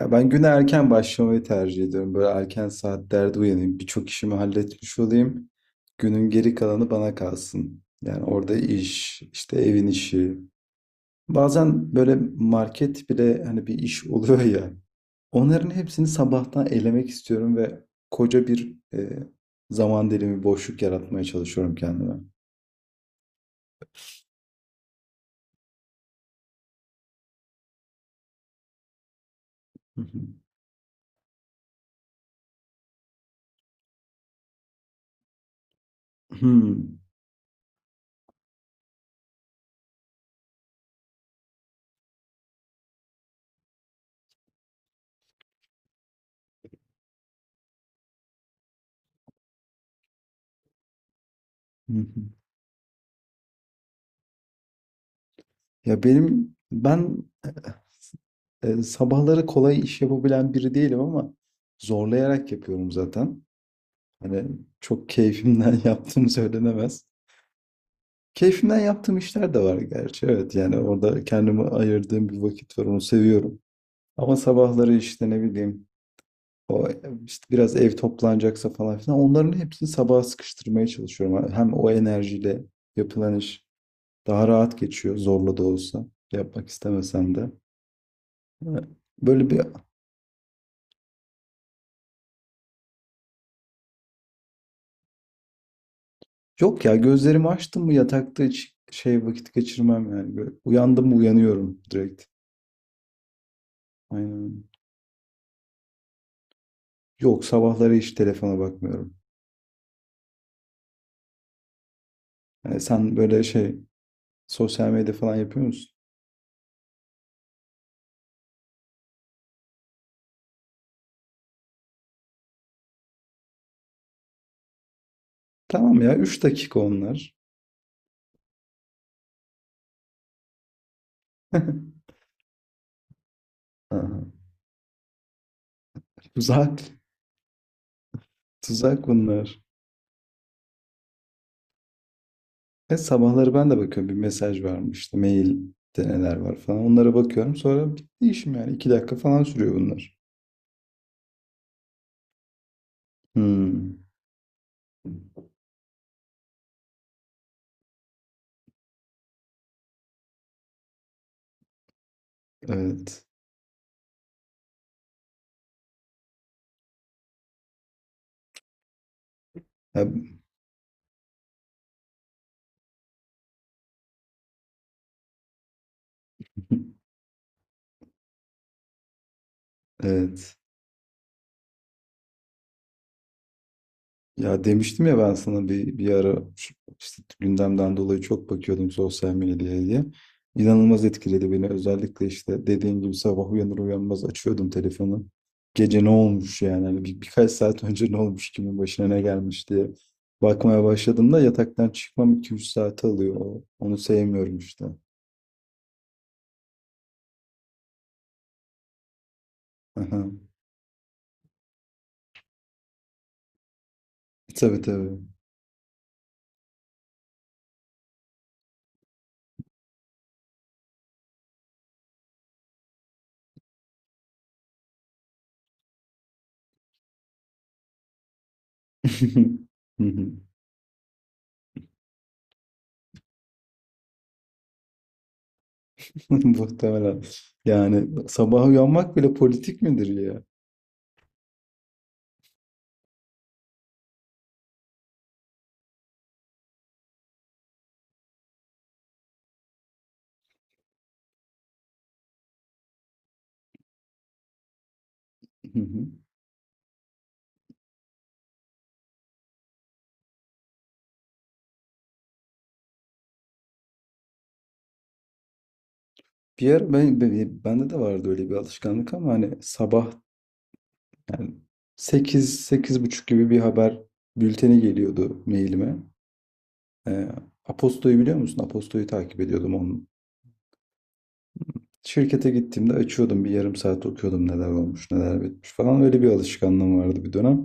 Ya ben güne erken başlamayı tercih ediyorum. Böyle erken saatlerde uyanayım. Birçok işimi halletmiş olayım. Günün geri kalanı bana kalsın. Yani orada işte evin işi. Bazen böyle market bile hani bir iş oluyor ya. Onların hepsini sabahtan elemek istiyorum ve koca bir zaman dilimi boşluk yaratmaya çalışıyorum kendime. Hı hı. Hmm. Hı hı. Ya ben sabahları kolay iş yapabilen biri değilim ama zorlayarak yapıyorum zaten. Hani çok keyfimden yaptığım söylenemez. Keyfimden yaptığım işler de var gerçi. Evet yani orada kendime ayırdığım bir vakit var, onu seviyorum. Ama sabahları işte ne bileyim, o işte biraz ev toplanacaksa falan filan onların hepsini sabaha sıkıştırmaya çalışıyorum. Hem o enerjiyle yapılan iş daha rahat geçiyor, zorla da olsa, yapmak istemesem de. Böyle bir Yok ya, gözlerimi açtım mı yatakta hiç şey vakit geçirmem yani. Böyle uyandım mı uyanıyorum direkt. Aynen. Yok, sabahları hiç telefona bakmıyorum. Yani sen böyle şey sosyal medya falan yapıyor musun? Tamam ya, 3 dakika onlar. Aha, tuzak. Tuzak bunlar. E, sabahları ben de bakıyorum, bir mesaj var mı işte mailde neler var falan onlara bakıyorum, sonra bitti işim, yani 2 dakika falan sürüyor bunlar. Hmm, evet. Ya- evet. Ya demiştim ya ben sana bir ara işte gündemden dolayı çok bakıyordum sosyal medyaya diye. İnanılmaz etkiledi beni. Özellikle işte dediğim gibi sabah uyanır uyanmaz açıyordum telefonu. Gece ne olmuş yani, hani birkaç saat önce ne olmuş, kimin başına ne gelmiş diye bakmaya başladığımda yataktan çıkmam iki üç saate alıyor. Onu sevmiyorum işte. Aha. Tabii, tabii. Hı hı. Muhtemelen. Yani sabah uyanmak bile politik midir ya? Hı hı. Bir ara bende de vardı öyle bir alışkanlık ama hani sabah, yani 8 sekiz buçuk gibi bir haber bülteni geliyordu mailime. Ee, Aposto'yu biliyor musun? Aposto'yu takip ediyordum onun. Şirkete gittiğimde açıyordum, bir yarım saat okuyordum, neler olmuş neler bitmiş falan, öyle bir alışkanlığım vardı bir dönem.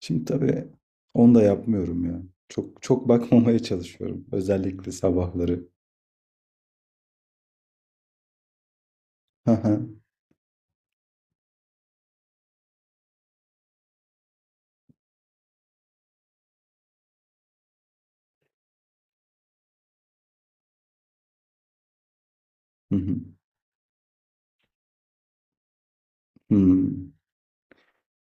Şimdi tabii onu da yapmıyorum ya. Çok çok bakmamaya çalışıyorum özellikle sabahları. Hı hı. Hı hı. Hı.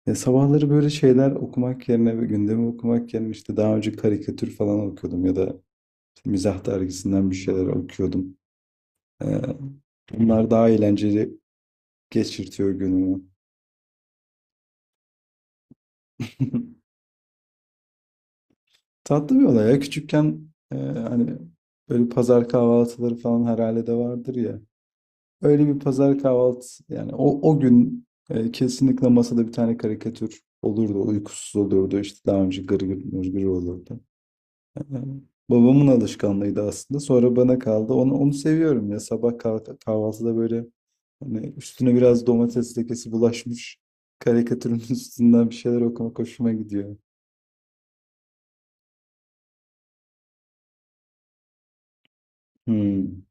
Ya sabahları böyle şeyler okumak yerine ve gündemi okumak yerine işte daha önce karikatür falan okuyordum ya da mizah dergisinden bir şeyler okuyordum. Ee, bunlar daha eğlenceli geçirtiyor günümü. Tatlı bir olay ya. Küçükken hani böyle pazar kahvaltıları falan herhalde de vardır ya. Öyle bir pazar kahvaltı, yani o gün kesinlikle masada bir tane karikatür olurdu. Uykusuz olurdu. İşte daha önce Gırgır, Mırgır olurdu. Evet. Babamın alışkanlığıydı aslında. Sonra bana kaldı. Onu seviyorum ya. Sabah kahvaltıda böyle, hani üstüne biraz domates lekesi bulaşmış karikatürün üstünden bir şeyler okumak hoşuma gidiyor. Hmm.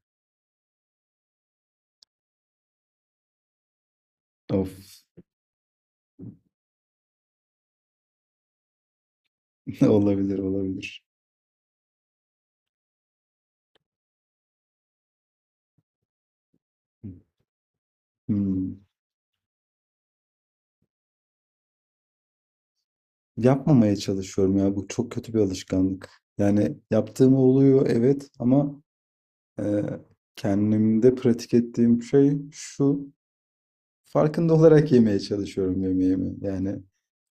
Of. Olabilir, olabilir. Hmm. Yapmamaya çalışıyorum ya. Bu çok kötü bir alışkanlık. Yani yaptığım oluyor evet, ama e, kendimde pratik ettiğim şey şu. Farkında olarak yemeye çalışıyorum yemeğimi. Yani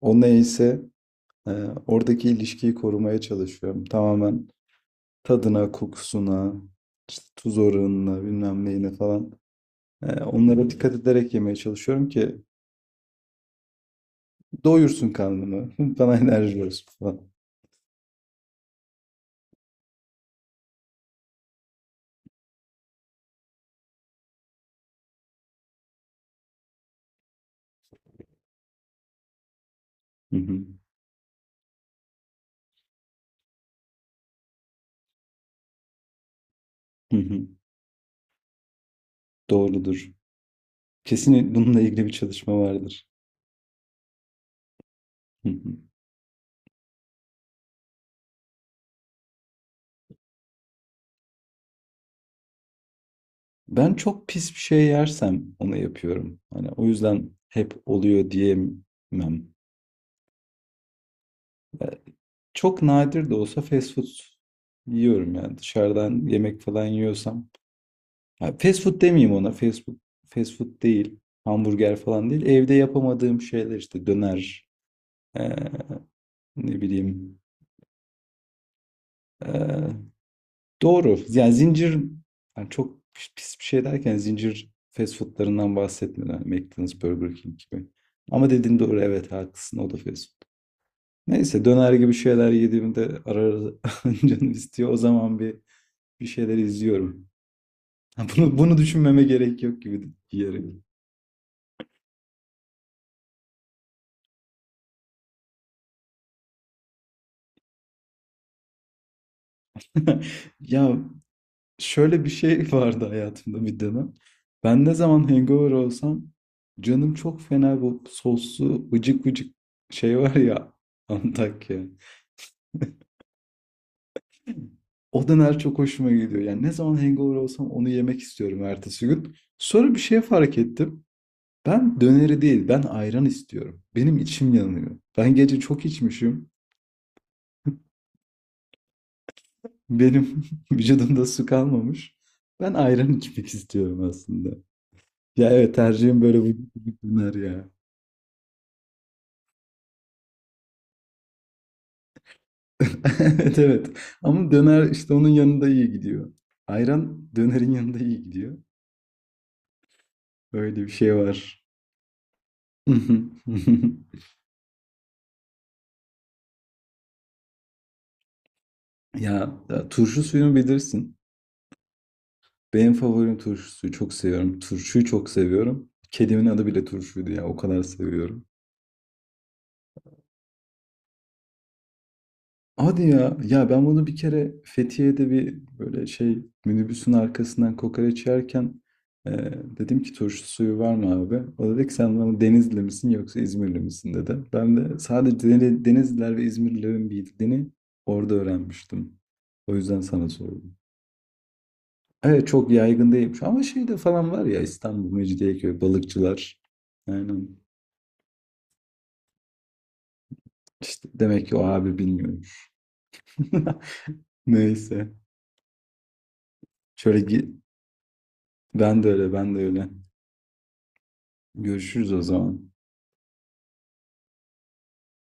o neyse e, oradaki ilişkiyi korumaya çalışıyorum. Tamamen tadına, kokusuna, işte tuz oranına, bilmem neyine falan. Onlara dikkat ederek yemeye çalışıyorum ki doyursun karnımı, bana enerji versin falan. Hı hı, hı hı. Doğrudur. Kesin bununla ilgili bir çalışma vardır. Hı hı. Ben çok pis bir şey yersem onu yapıyorum. Hani o yüzden hep oluyor diyemem. Çok nadir de olsa fast food yiyorum, yani dışarıdan yemek falan yiyorsam. Ya fast food demeyeyim ona. Fast food, fast food değil. Hamburger falan değil. Evde yapamadığım şeyler, işte döner, eee, ne bileyim. eee, Doğru. Yani zincir, yani çok pis bir şey derken zincir fast foodlarından bahsetmiyorum. Yani McDonald's, Burger King gibi. Ama dediğin doğru, evet, haklısın, o da fast food. Neyse, döner gibi şeyler yediğimde ara ara canım istiyor. O zaman bir şeyler izliyorum. Ha, Bunu düşünmeme gerek yok gibi diyerek. Ya, şöyle bir şey vardı hayatımda bir dönem. Ben ne zaman hangover olsam canım çok fena bu soslu vıcık vıcık şey var ya, Antakya. O döner çok hoşuma gidiyor. Yani ne zaman hangover olsam onu yemek istiyorum ertesi gün. Sonra bir şey fark ettim. Ben döneri değil, ben ayran istiyorum. Benim içim yanıyor. Ben gece çok içmişim. Benim vücudumda su kalmamış. Ben ayran içmek istiyorum aslında. Ya evet, tercihim böyle, bu döner ya. Evet, evet. Ama döner işte onun yanında iyi gidiyor. Ayran dönerin yanında iyi gidiyor. Öyle bir şey var. Ya, ya turşu suyunu bilirsin. Benim favorim turşu suyu. Çok seviyorum. Turşuyu çok seviyorum. Kedimin adı bile Turşu'ydu ya. O kadar seviyorum. Hadi ya. Ya ben bunu bir kere Fethiye'de, bir böyle şey, minibüsün arkasından kokoreç yerken e, dedim ki turşu suyu var mı abi? O dedi ki sen bana Denizli misin yoksa İzmirli misin dedi. Ben de sadece Denizliler ve İzmirlilerin bildiğini orada öğrenmiştim. O yüzden sana sordum. Evet, çok yaygın değilmiş ama şeyde falan var ya, İstanbul, Mecidiyeköy, balıkçılar. Aynen. İşte demek ki o abi bilmiyormuş. Neyse. Şöyle gi- ben de öyle, ben de öyle. Görüşürüz o zaman.